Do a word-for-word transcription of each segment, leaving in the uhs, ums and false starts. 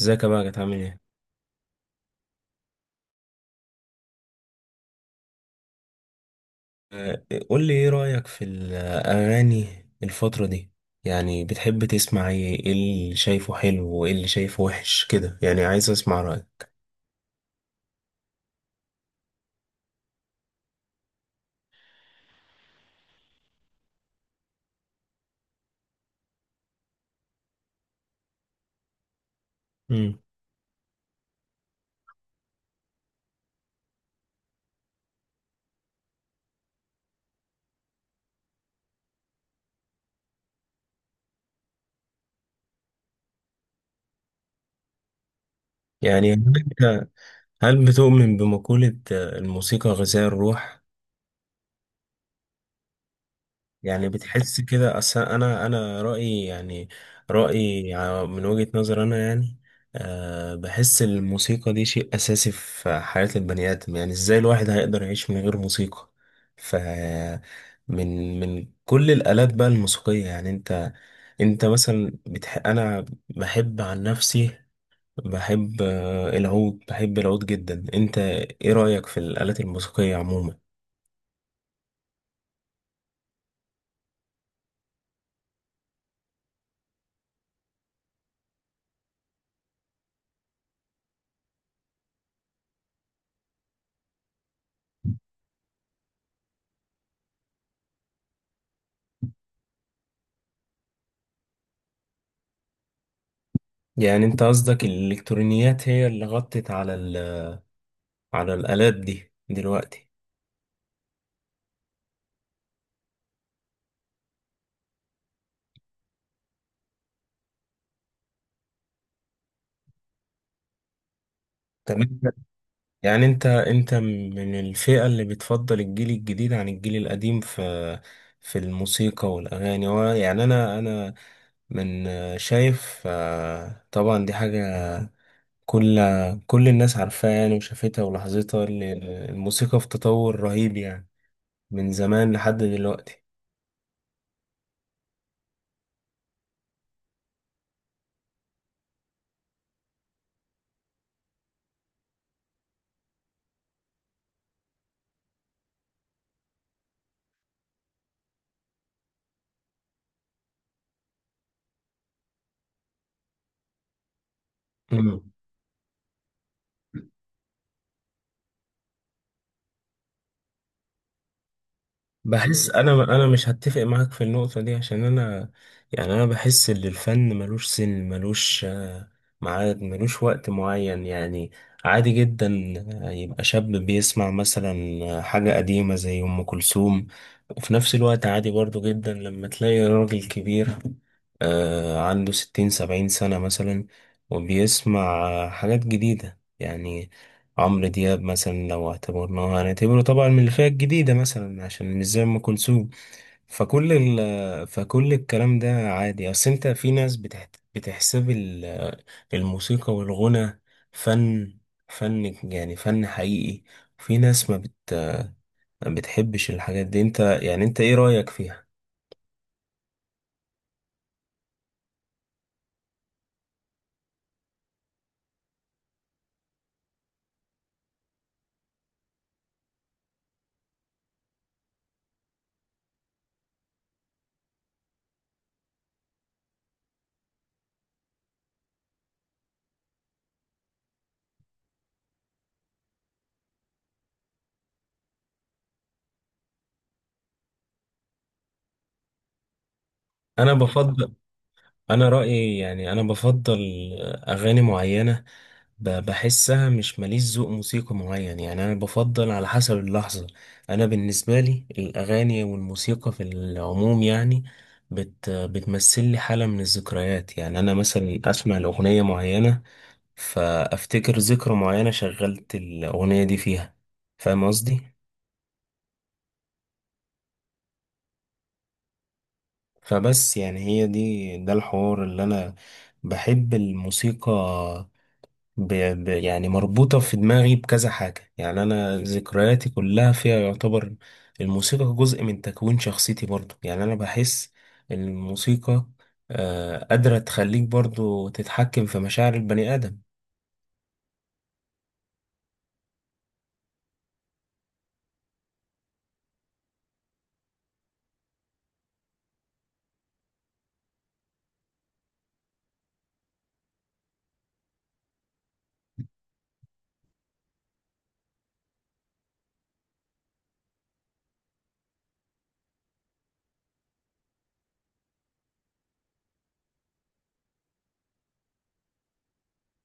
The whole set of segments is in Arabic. ازيك يا بقى عامل ايه؟ آه، قول لي ايه رأيك في الأغاني الفترة دي؟ يعني بتحب تسمع ايه؟ ايه اللي شايفه حلو وايه اللي شايفه وحش كده؟ يعني عايز اسمع رأيك. مم. يعني هل انت- هل بتؤمن بمقولة آه، الموسيقى غذاء الروح. يعني بتحس كده، اصل انا انا رأيي يعني رأيي ع- من وجهة نظر انا يعني أه بحس الموسيقى دي شيء اساسي في حياة البني ادم، يعني ازاي الواحد هيقدر يعيش من غير موسيقى. ف من من كل الآلات بقى الموسيقية، يعني انت انت مثلا بتح... انا بحب عن نفسي، بحب آه، العود، بحب العود جدا. انت ايه رأيك في الآلات الموسيقية عموما؟ يعني انت قصدك الالكترونيات هي اللي غطت على على الآلات دي دلوقتي. تمام. يعني انت انت من الفئة اللي بتفضل الجيل الجديد عن الجيل القديم في في الموسيقى والأغاني. هو يعني انا انا من شايف آه، طبعا دي حاجة كل كل الناس عارفاها يعني وشافتها ولاحظتها، ال- الموسيقى في تطور رهيب يعني من زمان لحد دلوقتي. مم. بحس انا انا مش هتفق معاك في النقطة دي، عشان انا يعني انا بحس ان الفن ملوش سن، ملوش آه، ميعاد، ملوش وقت معين يعني. عادي جدا آه، يبقى شاب بيسمع مثلا آه، حاجة قديمة زي ام كلثوم، وفي نفس الوقت عادي برضو جدا لما تلاقي راجل كبير آه، عنده ستين سبعين سنة مثلا وبيسمع آه، حاجات جديدة يعني. عمرو دياب مثلا لو اعتبرناه هنعتبره طبعا من الفئة الجديدة مثلا عشان مش زي أم كلثوم. فكل ال فكل الكلام ده عادي. أصل أنت في ناس بتح بتحسب ال- الموسيقى والغنى فن فن يعني فن حقيقي. في ناس ما بت ما بتحبش الحاجات دي. أنت يعني أنت إيه رأيك فيها؟ أنا بفضل أنا رأيي يعني أنا بفضل أغاني معينة، ب- بحسها مش. ماليش ذوق موسيقي معين، يعني انا بفضل على حسب اللحظة. انا بالنسبة لي الاغاني والموسيقى في العموم يعني بت بتمثل لي حالة من الذكريات، يعني انا مثلا اسمع الاغنية معينة فافتكر ذكرى معينة شغلت الاغنية دي فيها. فاهم قصدي؟ فبس يعني هي دي ده الحوار اللي انا بحب الموسيقى ب... ب... يعني مربوطة في دماغي بكذا حاجة يعني، أنا ذكرياتي كلها فيها. يعتبر الموسيقى جزء من تكوين شخصيتي برضو يعني. أنا بحس إن الموسيقى آه قادرة تخليك برضو تتحكم في مشاعر البني آدم.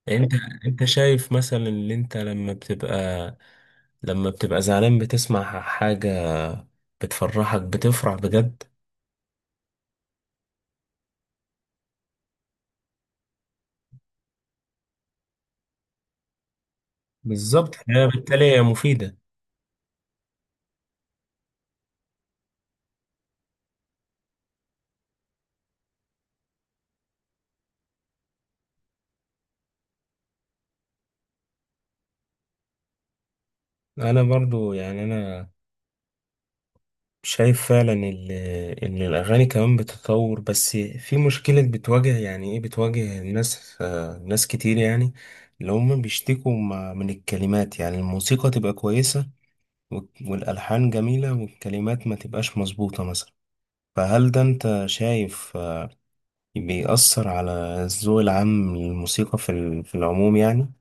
أنت أنت شايف مثلا إن أنت لما بتبقى لما بتبقى زعلان بتسمع حاجة بتفرحك، بتفرح بجد؟ بالظبط، هي بالتالي هي مفيدة. أنا برضو يعني أنا شايف فعلا ال- ان الاغاني كمان بتتطور، بس في مشكلة بتواجه يعني ايه، بتواجه الناس آه، ناس كتير يعني اللي هم بيشتكوا م- من الكلمات. يعني الموسيقى تبقى كويسة والك- والالحان جميلة والكلمات ما تبقاش مظبوطة مثلا. فهل ده انت شايف آه، بيأثر على الذوق العام للموسيقى في ال- في العموم يعني؟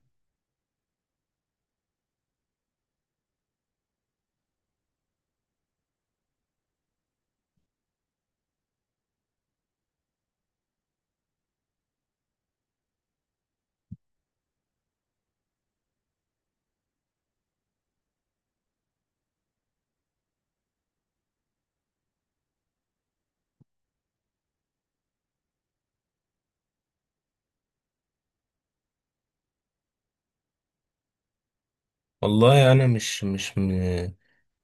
والله انا مش مش م-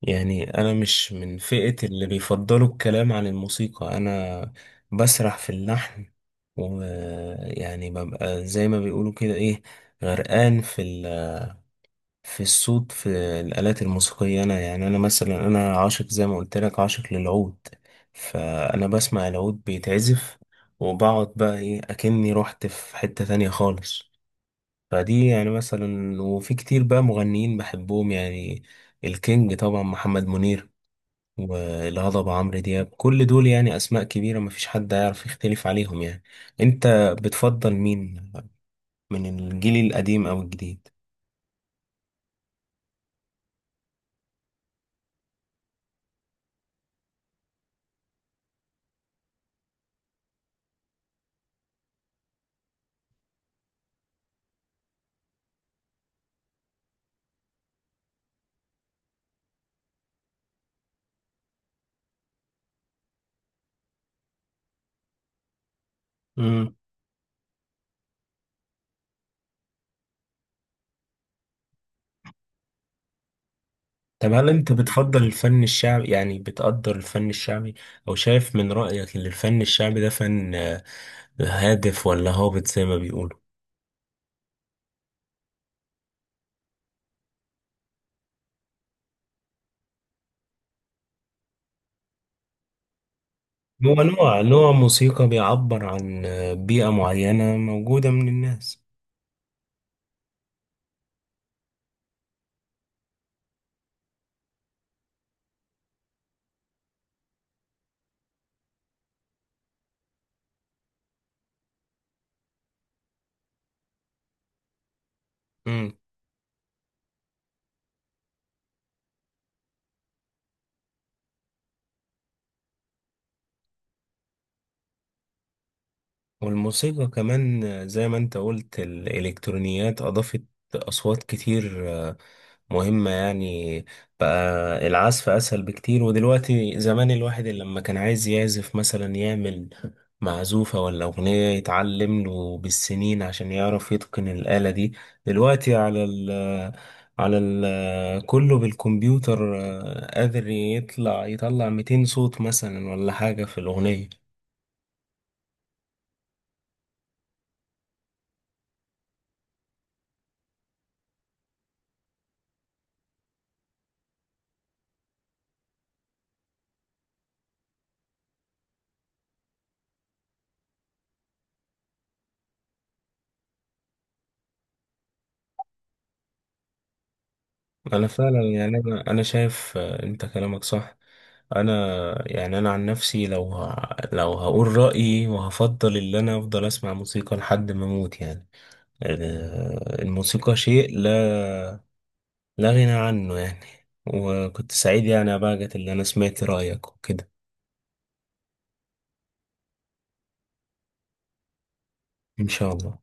يعني أنا مش من فئة اللي بيفضلوا الكلام عن الموسيقى، أنا بسرح في اللحن ويعني ببقى زي ما بيقولوا كده إيه، غرقان في ال... في الصوت، في الآلات الموسيقية. أنا يعني أنا مثلا أنا عاشق زي ما قلت لك، عاشق للعود. فأنا بسمع العود بيتعزف وبقعد بقى إيه أكني رحت في حتة تانية خالص. فدي يعني مثلا. وفي كتير بقى مغنيين بحبهم يعني، الكينج طبعا محمد منير، والهضبة عمرو دياب، كل دول يعني أسماء كبيرة مفيش حد هيعرف يختلف عليهم يعني. أنت بتفضل مين، من الجيل القديم أو الجديد؟ مم. طب هل أنت بتفضل الفن الشعبي، يعني بتقدر الفن الشعبي، أو شايف من رأيك إن الفن الشعبي ده فن آه، هادف ولا هابط زي ما بيقولوا؟ هو نوع نوع موسيقى بيعبر عن آه، بيئة معينة موجودة من الناس. والموسيقى كمان آه، زي ما انت قلت الإلكترونيات أضافت أصوات كتير آه، مهمة يعني. بقى العزف أسهل بكتير. ودلوقتي زمان الواحد اللي لما كان عايز يعزف مثلا يعمل معزوفة ولا أغنية يتعلم له بالسنين عشان يعرف يتقن الآلة دي. دلوقتي على ال على ال كله بالكمبيوتر آه، قادر يطلع يطلع مئتين صوت مثلا ولا حاجة في الأغنية. انا فعلا يعني انا انا شايف آه، انت كلامك صح. انا يعني انا عن نفسي لو ه... لو هقول رايي، وهفضل ان انا افضل اسمع موسيقى لحد ما اموت يعني. آه، الموسيقى شيء لا لا غنى عنه يعني. وكنت سعيد يعني يا باجت اللي انا سمعت رايك وكده. ان شاء الله.